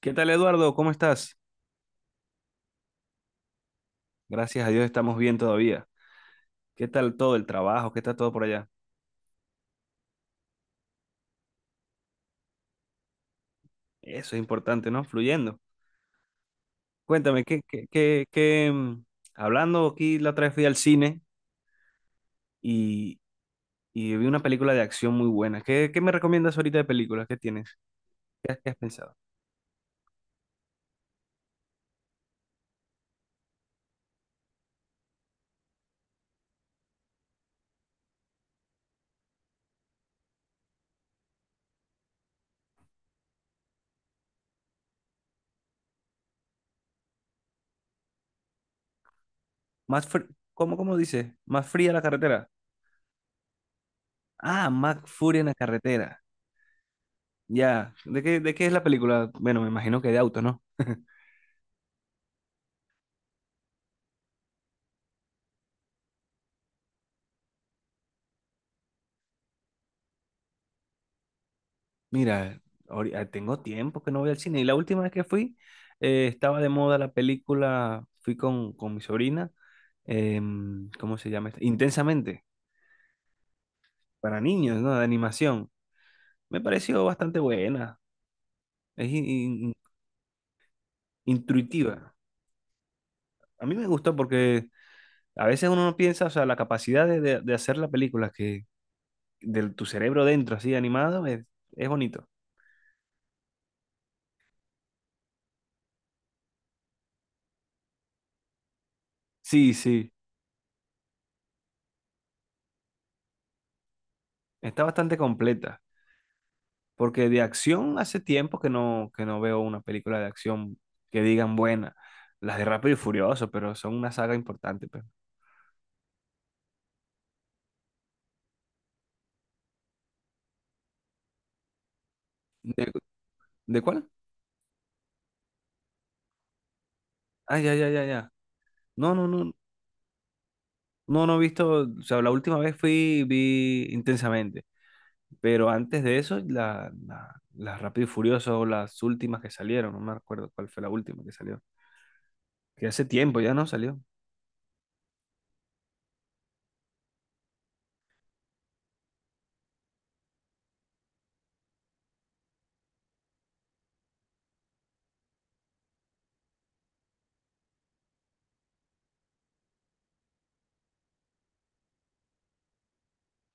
¿Qué tal, Eduardo? ¿Cómo estás? Gracias a Dios estamos bien todavía. ¿Qué tal todo el trabajo? ¿Qué tal todo por allá? Eso es importante, ¿no? Fluyendo. Cuéntame, ¿qué, Hablando aquí, la otra vez fui al cine y, y vi una película de acción muy buena. ¿Qué me recomiendas ahorita de películas? ¿Qué tienes? ¿Qué has pensado? Más fr- ¿cómo dice? ¿Más fría la carretera? Ah, más furia en la carretera. Ya. ¿De qué es la película? Bueno, me imagino que de auto, ¿no? Mira, tengo tiempo que no voy al cine, y la última vez que fui estaba de moda la película. Fui con mi sobrina, ¿cómo se llama esta? Intensamente, para niños, ¿no? De animación. Me pareció bastante buena, es intuitiva. A mí me gustó porque a veces uno no piensa, o sea, la capacidad de, de hacer la película, que de tu cerebro dentro, así animado, es bonito. Sí, sí, está bastante completa. Porque de acción hace tiempo que que no veo una película de acción que digan buena. Las de Rápido y Furioso, pero son una saga importante, pues. ¿De, de cuál? Ah, ya, ya, ya, ya. No, no, no. No, no he visto. O sea, la última vez fui, vi intensamente. Pero antes de eso, las Rápido y Furioso, las últimas que salieron, no me acuerdo cuál fue la última que salió. Que hace tiempo ya no salió.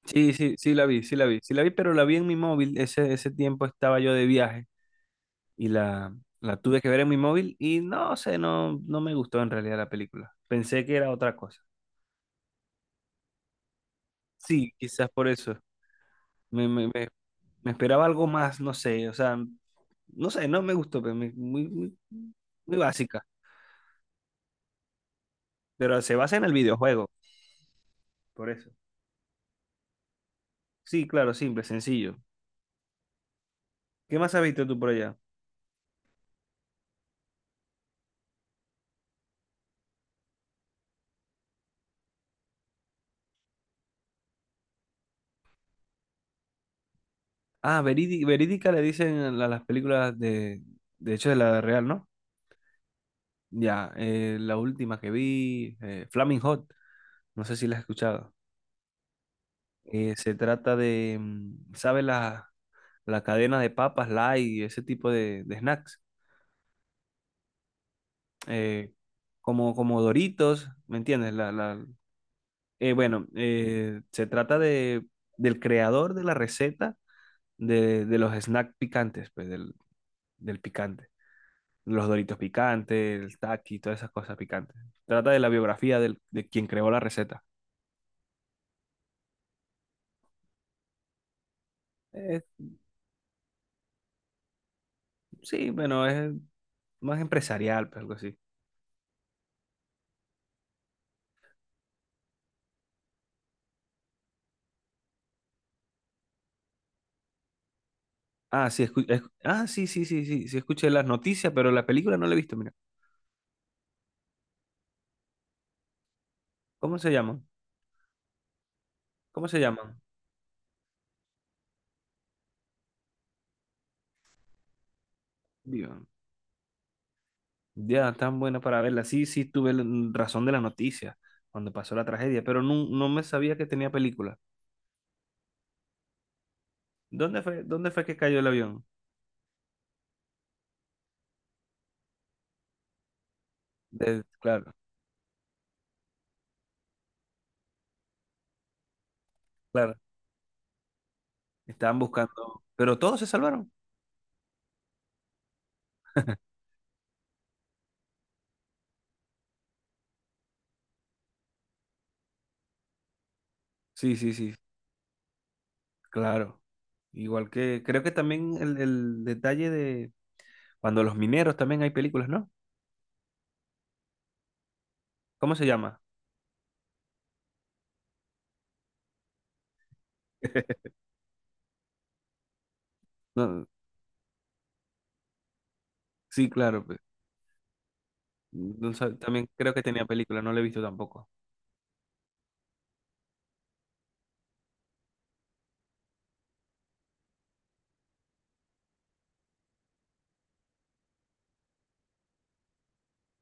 Sí, sí, sí la vi, sí la vi, sí la vi, pero la vi en mi móvil. Ese tiempo estaba yo de viaje y la, la tuve que ver en mi móvil y no sé, no, no me gustó en realidad la película. Pensé que era otra cosa. Sí, quizás por eso. Me, me, me- me esperaba algo más, no sé, o sea, no sé, no me gustó, muy, muy, muy básica. Pero se basa en el videojuego, por eso. Sí, claro, simple, sencillo. ¿Qué más has visto tú por allá? Ah, verídica le dicen a las películas de hecho, de la real, ¿no? Ya, la última que vi, Flaming Hot, no sé si la has escuchado. Se trata de, ¿sabe? La cadena de papas, light y ese tipo de snacks. Eh, como, como Doritos, ¿me entiendes? Bueno, se trata de del creador de la receta de los snacks picantes, pues del, del picante. Los Doritos picantes, el Taki, todas esas cosas picantes. Trata de la biografía de quien creó la receta. Eh, sí, bueno, es más empresarial, pues algo así. Ah, sí, sí, sí, sí, sí, sí, escuché las noticias, pero la película no la he visto, mira. ¿Cómo se llaman? ¿Cómo se llaman? Digo, ya, tan buena para verla. Sí, sí, tuve razón de las noticias cuando pasó la tragedia, pero no, no me sabía que tenía película. ¿Dónde fue que cayó el avión? De- claro, claro, estaban buscando, pero todos se salvaron. Sí, sí, sí, claro. Igual que, creo que también el detalle de cuando los mineros también hay películas, ¿no? ¿Cómo se llama? No, sí, claro. No sab- También creo que tenía película, no la he visto tampoco.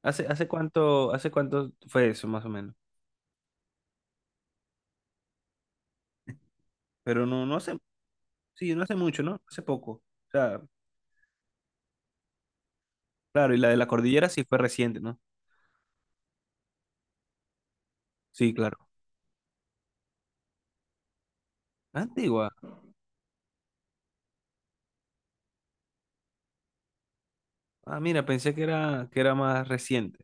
¿Hace cuánto fue eso, más o menos? Pero sí, no hace mucho, ¿no? Hace poco. O sea, claro, y la de la cordillera sí fue reciente, ¿no? Sí, claro. Antigua. Ah, mira, pensé que era más reciente.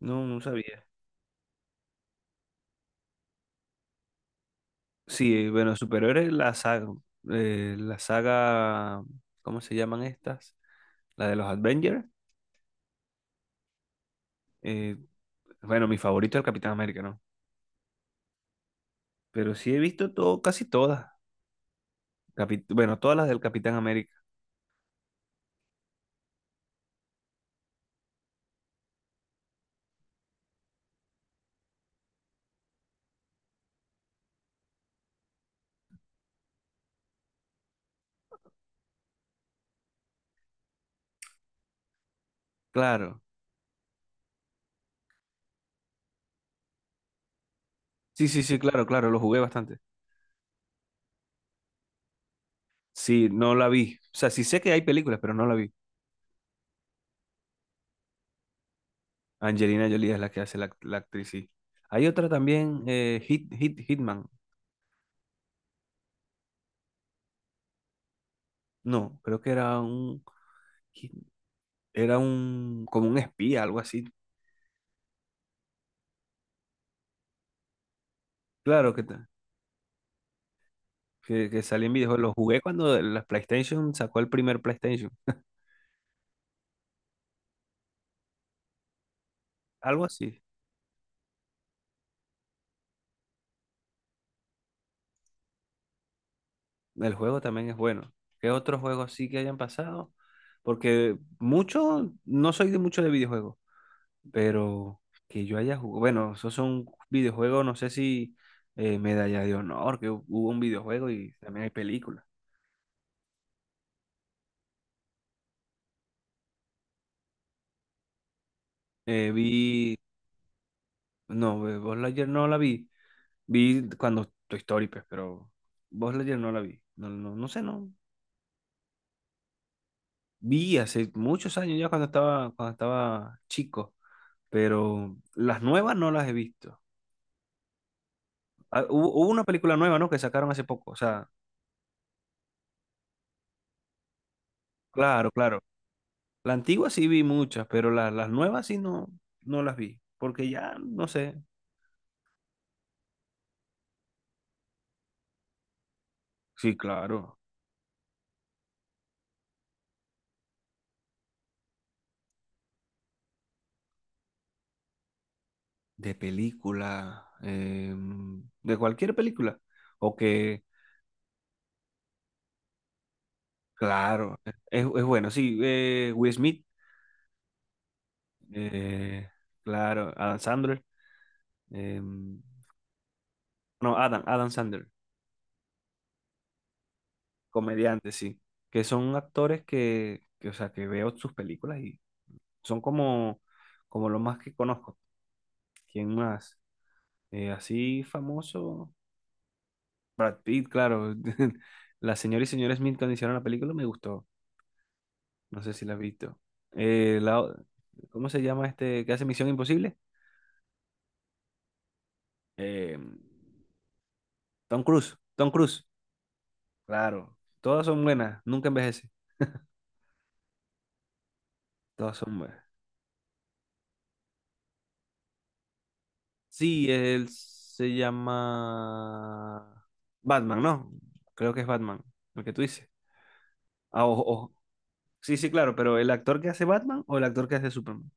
No, no sabía. Sí, bueno, superiores la saga, ¿cómo se llaman estas? La de los Avengers. eh, bueno, mi favorito es el Capitán América, ¿no? Pero sí he visto todo, casi todas. Bueno, todas las del Capitán América. Claro. Sí, sí, sí, claro, claro, lo jugué bastante. Sí, no la vi. O sea, sí sé que hay películas, pero no la vi. Angelina Jolie es la que hace la actriz, sí. Hay otra también, eh, Hitman. No, creo que era un, hit- era un, como un espía, algo así. Claro, que salía en videojuegos. Lo jugué cuando la PlayStation sacó el primer PlayStation. Algo así. El juego también es bueno. ¿Qué otros juegos sí que hayan pasado? Porque mucho, no soy de mucho de videojuegos. Pero que yo haya jugado, bueno, esos son videojuegos, no sé si Medalla de Honor, que hubo un videojuego y también hay películas. Vi, no, Buzz Lightyear no la vi, vi cuando Toy Story, pues, pero Buzz Lightyear no la vi, no, no, no sé, no. Vi hace muchos años ya cuando estaba chico, pero las nuevas no las he visto. Ah, hubo una película nueva, ¿no? Que sacaron hace poco, o sea, claro, claro. La antigua sí vi muchas, pero las nuevas sí no, no las vi. Porque ya, no sé. Sí, claro. De película. De cualquier película. O que, claro. Es bueno, sí. Will Smith. eh, claro. Adam Sandler. em, no, Adam Sandler. Comediante, sí. Que son actores que, o sea, que veo sus películas y son como, como lo más que conozco. ¿Quién más? Así famoso. Brad Pitt, claro. La señora y señora Smith cuando hicieron la película me gustó. No sé si la has visto. Eh, la o- ¿Cómo se llama este que hace Misión Imposible? Eh, Tom Cruise. Tom Cruise. Claro. Todas son buenas. Nunca envejece. Todas son buenas. Sí, él se llama Batman, ¿no? Creo que es Batman, lo que tú dices. Ah, ojo, ojo. Sí, sí, claro, pero ¿el actor que hace Batman o el actor que hace Superman?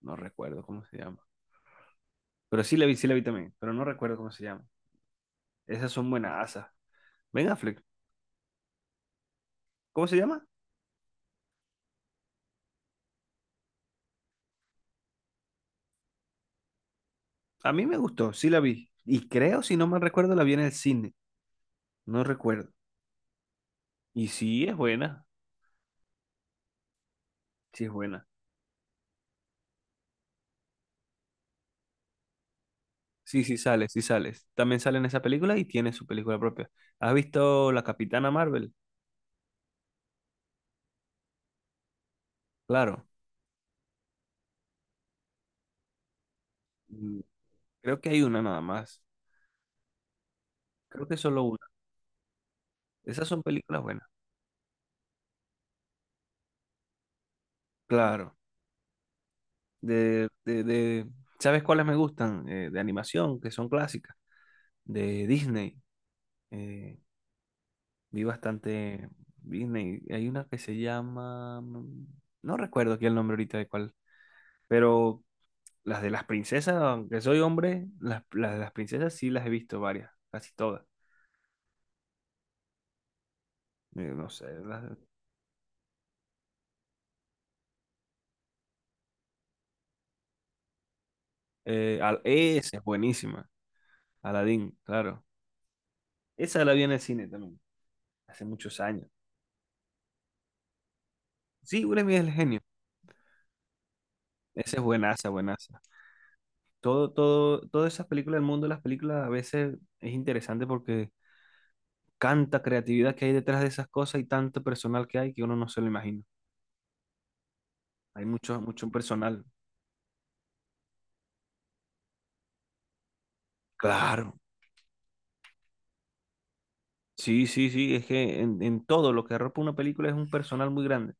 No recuerdo cómo se llama. Pero sí la vi también, pero no recuerdo cómo se llama. Esas son buenas buenasas. Ben Affleck, ¿cómo se llama? A mí me gustó, sí la vi. Y creo, si no me recuerdo, la vi en el cine. No recuerdo. Y sí, es buena. Sí, es buena. Sí, sí sales, sí sales. También sale en esa película y tiene su película propia. ¿Has visto La Capitana Marvel? Claro. Mm, Creo que hay una nada más. Creo que solo una. Esas son películas buenas. Claro. De, de, de- ¿Sabes cuáles me gustan? De animación, que son clásicas. De Disney. Eh, Vi bastante Disney. Hay una que se llama... no recuerdo aquí el nombre ahorita de cuál, pero las de las princesas, aunque soy hombre, las de las princesas sí las he visto varias, casi todas. No sé. Esa es buenísima. Aladdin, claro. Esa la vi en el cine también, hace muchos años. Sí, Will Smith es el genio. Esa es buenaza, buenaza. Todo, todo, todas esas películas del mundo, las películas a veces es interesante porque tanta creatividad que hay detrás de esas cosas y tanto personal que hay que uno no se lo imagina. Hay mucho, mucho personal. Claro. Sí, sí, sí, es que en todo lo que arropa una película es un personal muy grande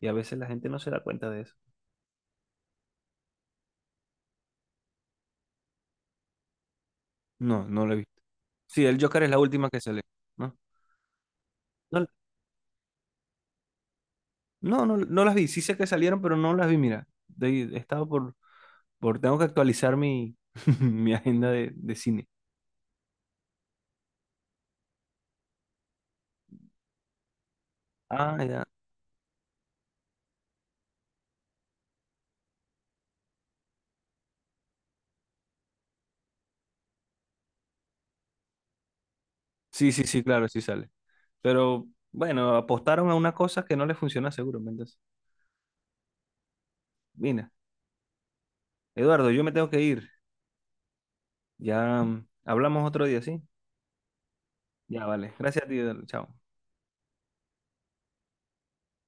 y a veces la gente no se da cuenta de eso. No, no lo he visto. Sí, el Joker es la última que sale, ¿no? No, no, no, no las vi. Sí sé que salieron, pero no las vi, mira. De- He estado por, tengo que actualizar mi, mi agenda de cine. Ah, ya. Sí, sí, sí, claro, sí sale. Pero bueno, apostaron a una cosa que no les funciona seguramente. Mira, Eduardo, yo me tengo que ir. Ya hablamos otro día, ¿sí? Ya, vale. Gracias a ti, Eduardo. Chao.